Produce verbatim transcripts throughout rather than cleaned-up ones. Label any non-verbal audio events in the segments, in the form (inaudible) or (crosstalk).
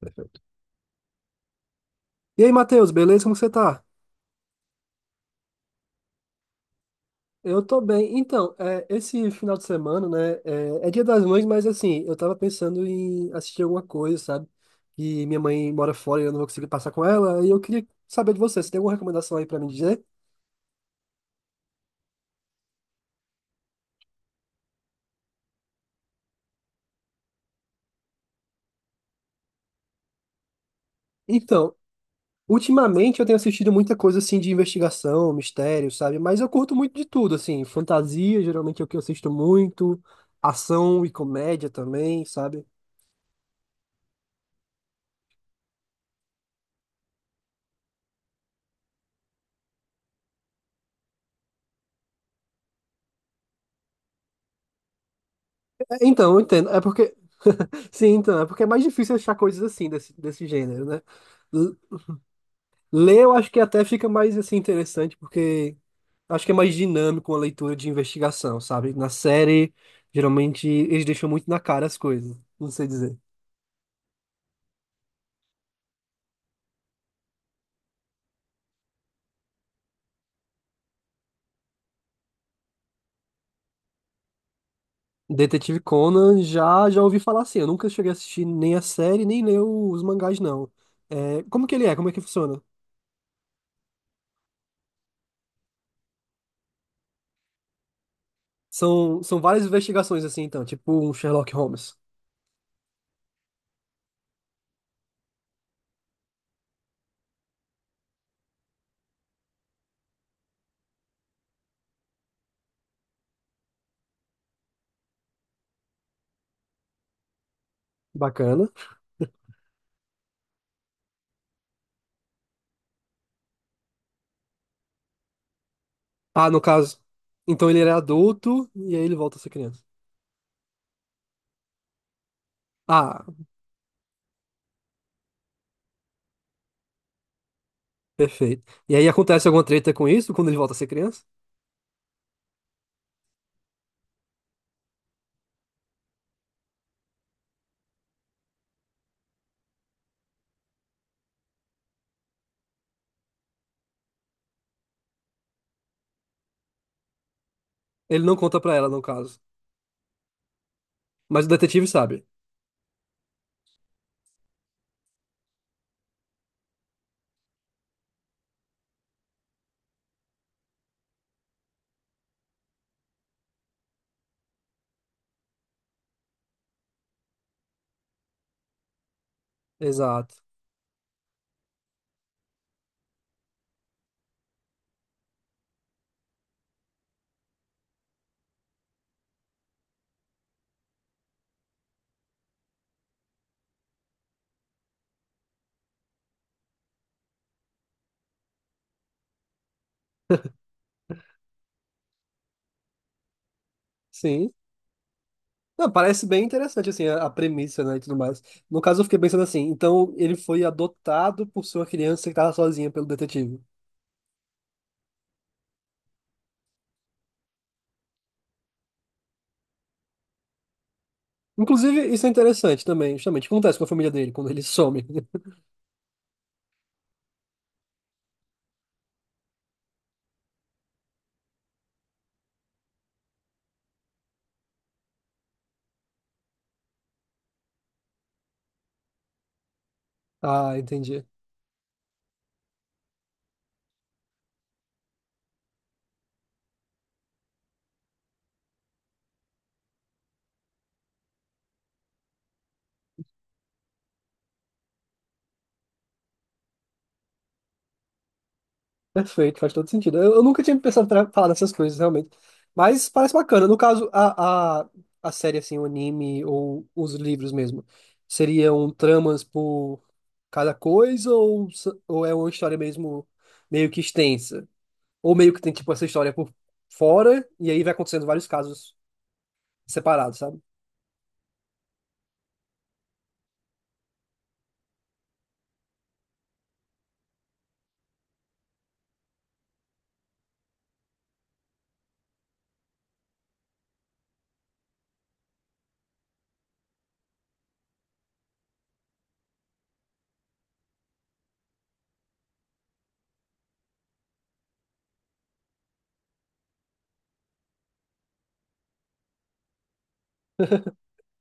Perfeito. E aí, Matheus, beleza? Como você tá? Eu tô bem. Então, é, esse final de semana, né? É, é Dia das Mães, mas assim, eu tava pensando em assistir alguma coisa, sabe? E minha mãe mora fora e eu não vou conseguir passar com ela. E eu queria saber de você, você tem alguma recomendação aí pra me dizer? Então, ultimamente eu tenho assistido muita coisa assim de investigação, mistério, sabe? Mas eu curto muito de tudo, assim. Fantasia, geralmente é o que eu assisto muito. Ação e comédia também, sabe? É, então, eu entendo. É porque sim, então, é porque é mais difícil achar coisas assim, desse, desse gênero, né? L- Ler eu acho que até fica mais assim interessante, porque acho que é mais dinâmico uma leitura de investigação, sabe? Na série, geralmente eles deixam muito na cara as coisas, não sei dizer. Detetive Conan já já ouvi falar assim, eu nunca cheguei a assistir nem a série, nem ler os mangás, não. É, como que ele é? Como é que funciona? São, são várias investigações assim, então, tipo um Sherlock Holmes. Bacana. Ah, no caso, então ele era adulto e aí ele volta a ser criança. Ah, perfeito. E aí acontece alguma treta com isso quando ele volta a ser criança? Ele não conta pra ela, no caso. Mas o detetive sabe. Exato. Sim. Não, parece bem interessante, assim, a a premissa, né, e tudo mais. No caso, eu fiquei pensando assim, então ele foi adotado por sua criança que estava sozinha pelo detetive. Inclusive, isso é interessante também, justamente. O que acontece com a família dele quando ele some? (laughs) Ah, entendi. Perfeito, faz todo sentido. Eu, eu nunca tinha pensado pra falar dessas coisas, realmente. Mas parece bacana. No caso, a, a, a série, assim, o anime ou os livros mesmo, seriam tramas por cada coisa ou, s- ou é uma história mesmo meio que extensa? Ou meio que tem, tipo, essa história por fora e aí vai acontecendo vários casos separados, sabe?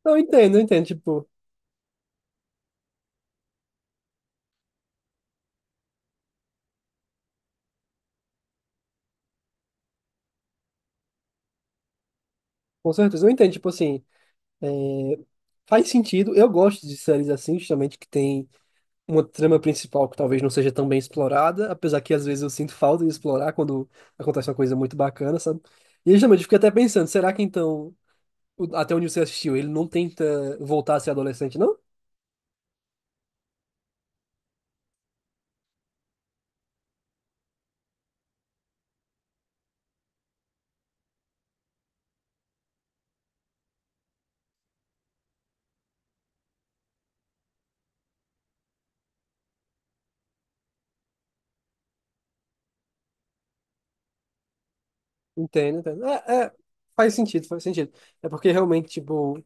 Não, eu entendo, eu entendo, tipo, com certeza. Eu entendo, tipo, assim, faz sentido. Eu gosto de séries assim, justamente, que tem uma trama principal que talvez não seja tão bem explorada, apesar que às vezes eu sinto falta de explorar quando acontece uma coisa muito bacana, sabe? E justamente eu fiquei até pensando, será que então, o- até onde você assistiu, ele não tenta voltar a ser adolescente, não? Entendo, entendo. É, é, faz sentido, faz sentido. É porque realmente, tipo,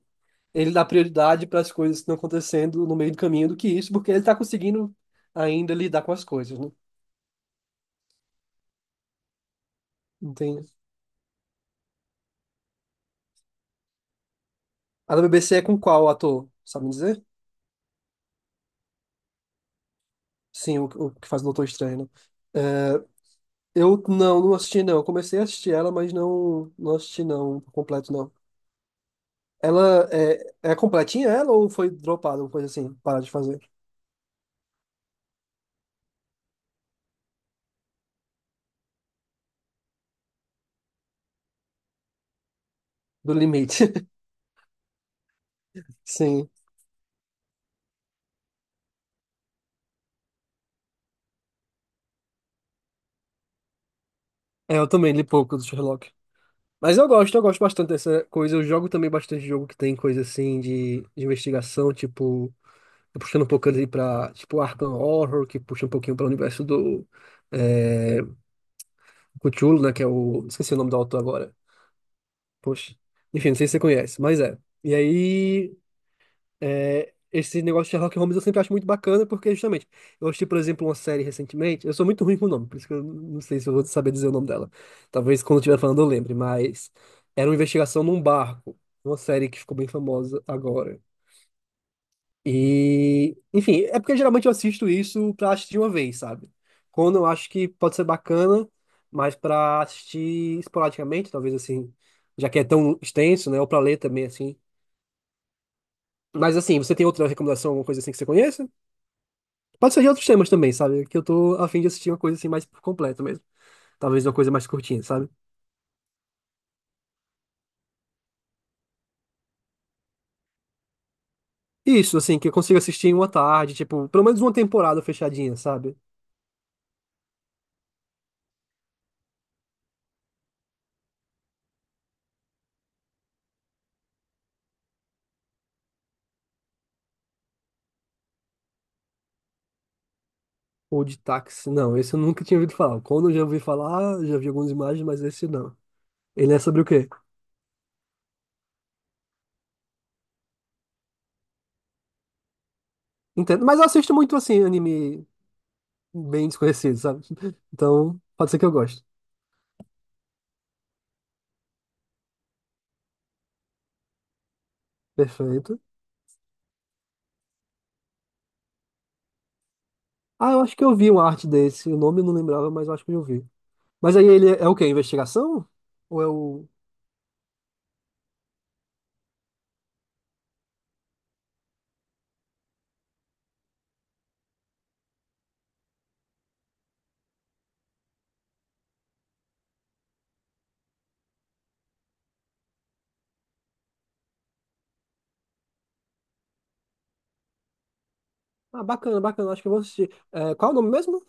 ele dá prioridade para as coisas que estão acontecendo no meio do caminho do que isso, porque ele está conseguindo ainda lidar com as coisas, né? Entende? A da B B C é com qual ator? Sabe me dizer? Sim, o, o que faz o Doutor Estranho, né? É, eu não, não assisti não. Eu comecei a assistir ela, mas não, não assisti não, por completo não. Ela é, é completinha ela ou foi dropada, uma coisa assim, parar de fazer? Do limite. (laughs) Sim. É, eu também li pouco do Sherlock. Mas eu gosto, eu gosto bastante dessa coisa. Eu jogo também bastante jogo que tem coisa assim de, de investigação, tipo puxando um pouco ali pra, tipo, Arkham Horror, que puxa um pouquinho para o universo do é, Cthulhu, né, que é o... Esqueci o nome do autor agora. Poxa. Enfim, não sei se você conhece, mas é. E aí, é, esse negócio de Sherlock Holmes eu sempre acho muito bacana, porque justamente, eu assisti, por exemplo, uma série recentemente, eu sou muito ruim com o nome, por isso que eu não sei se eu vou saber dizer o nome dela. Talvez quando eu estiver falando eu lembre, mas era uma investigação num barco, uma série que ficou bem famosa agora. E, enfim, é porque geralmente eu assisto isso pra assistir uma vez, sabe? Quando eu acho que pode ser bacana, mas pra assistir esporadicamente, talvez assim, já que é tão extenso, né? Ou pra ler também, assim. Mas assim, você tem outra recomendação, alguma coisa assim que você conheça? Pode ser de outros temas também, sabe? Que eu tô a fim de assistir uma coisa assim mais por completo mesmo. Talvez uma coisa mais curtinha, sabe? Isso, assim, que eu consiga assistir em uma tarde, tipo, pelo menos uma temporada fechadinha, sabe? Ou de táxi. Não, esse eu nunca tinha ouvido falar. Quando eu já ouvi falar, já vi algumas imagens, mas esse não. Ele é sobre o quê? Entendo. Mas eu assisto muito, assim, anime bem desconhecido, sabe? (laughs) Então, pode ser que eu goste. Perfeito. Ah, eu acho que eu vi uma arte desse. O nome eu não lembrava, mas eu acho que eu vi. Mas aí ele é o quê? Investigação? Ou é o. Ah, bacana, bacana. Acho que eu vou assistir. É, qual é o nome mesmo?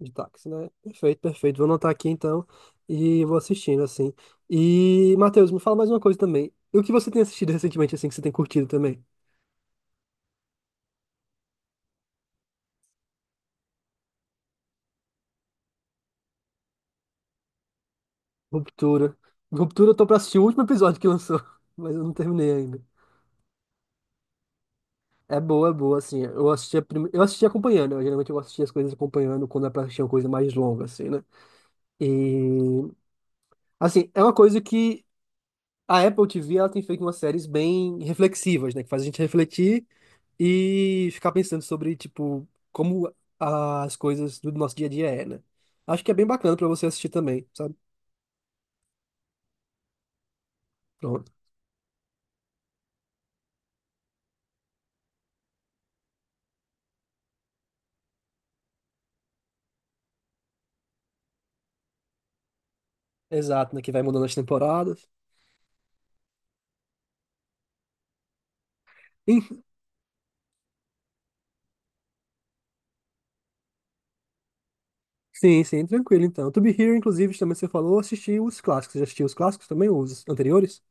De táxi, né? Perfeito, perfeito. Vou anotar aqui então e vou assistindo, assim. E, Matheus, me fala mais uma coisa também. E o que você tem assistido recentemente, assim, que você tem curtido também? Ruptura. Ruptura, eu tô pra assistir o último episódio que lançou, (laughs) mas eu não terminei ainda. É boa, é boa, assim. Eu assistia, prim... eu assistia acompanhando. Eu, geralmente eu assistia as coisas acompanhando quando é pra assistir uma coisa mais longa, assim, né? E, assim, é uma coisa que a Apple T V, ela tem feito umas séries bem reflexivas, né? Que faz a gente refletir e ficar pensando sobre, tipo, como as coisas do nosso dia a dia é, né? Acho que é bem bacana pra você assistir também, sabe? Pronto. Exato, né? Que vai mudando as temporadas. Em- Sim, sim, tranquilo, então. To Be Here, inclusive, também você falou, assisti os clássicos. Você já assistiu os clássicos também, os anteriores?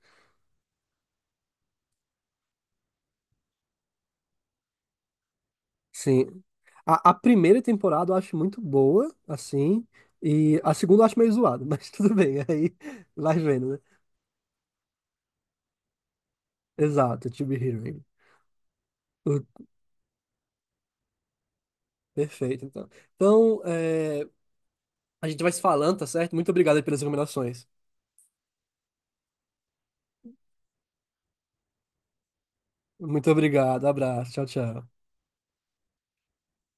Sim. A, a primeira temporada eu acho muito boa, assim, e a segunda eu acho meio zoada, mas (laughs) tudo bem, aí vai vendo, né? Exato, To Be Hearing. Perfeito, então. Então, é, a gente vai se falando, tá certo? Muito obrigado aí pelas recomendações. Muito obrigado, abraço, tchau, tchau.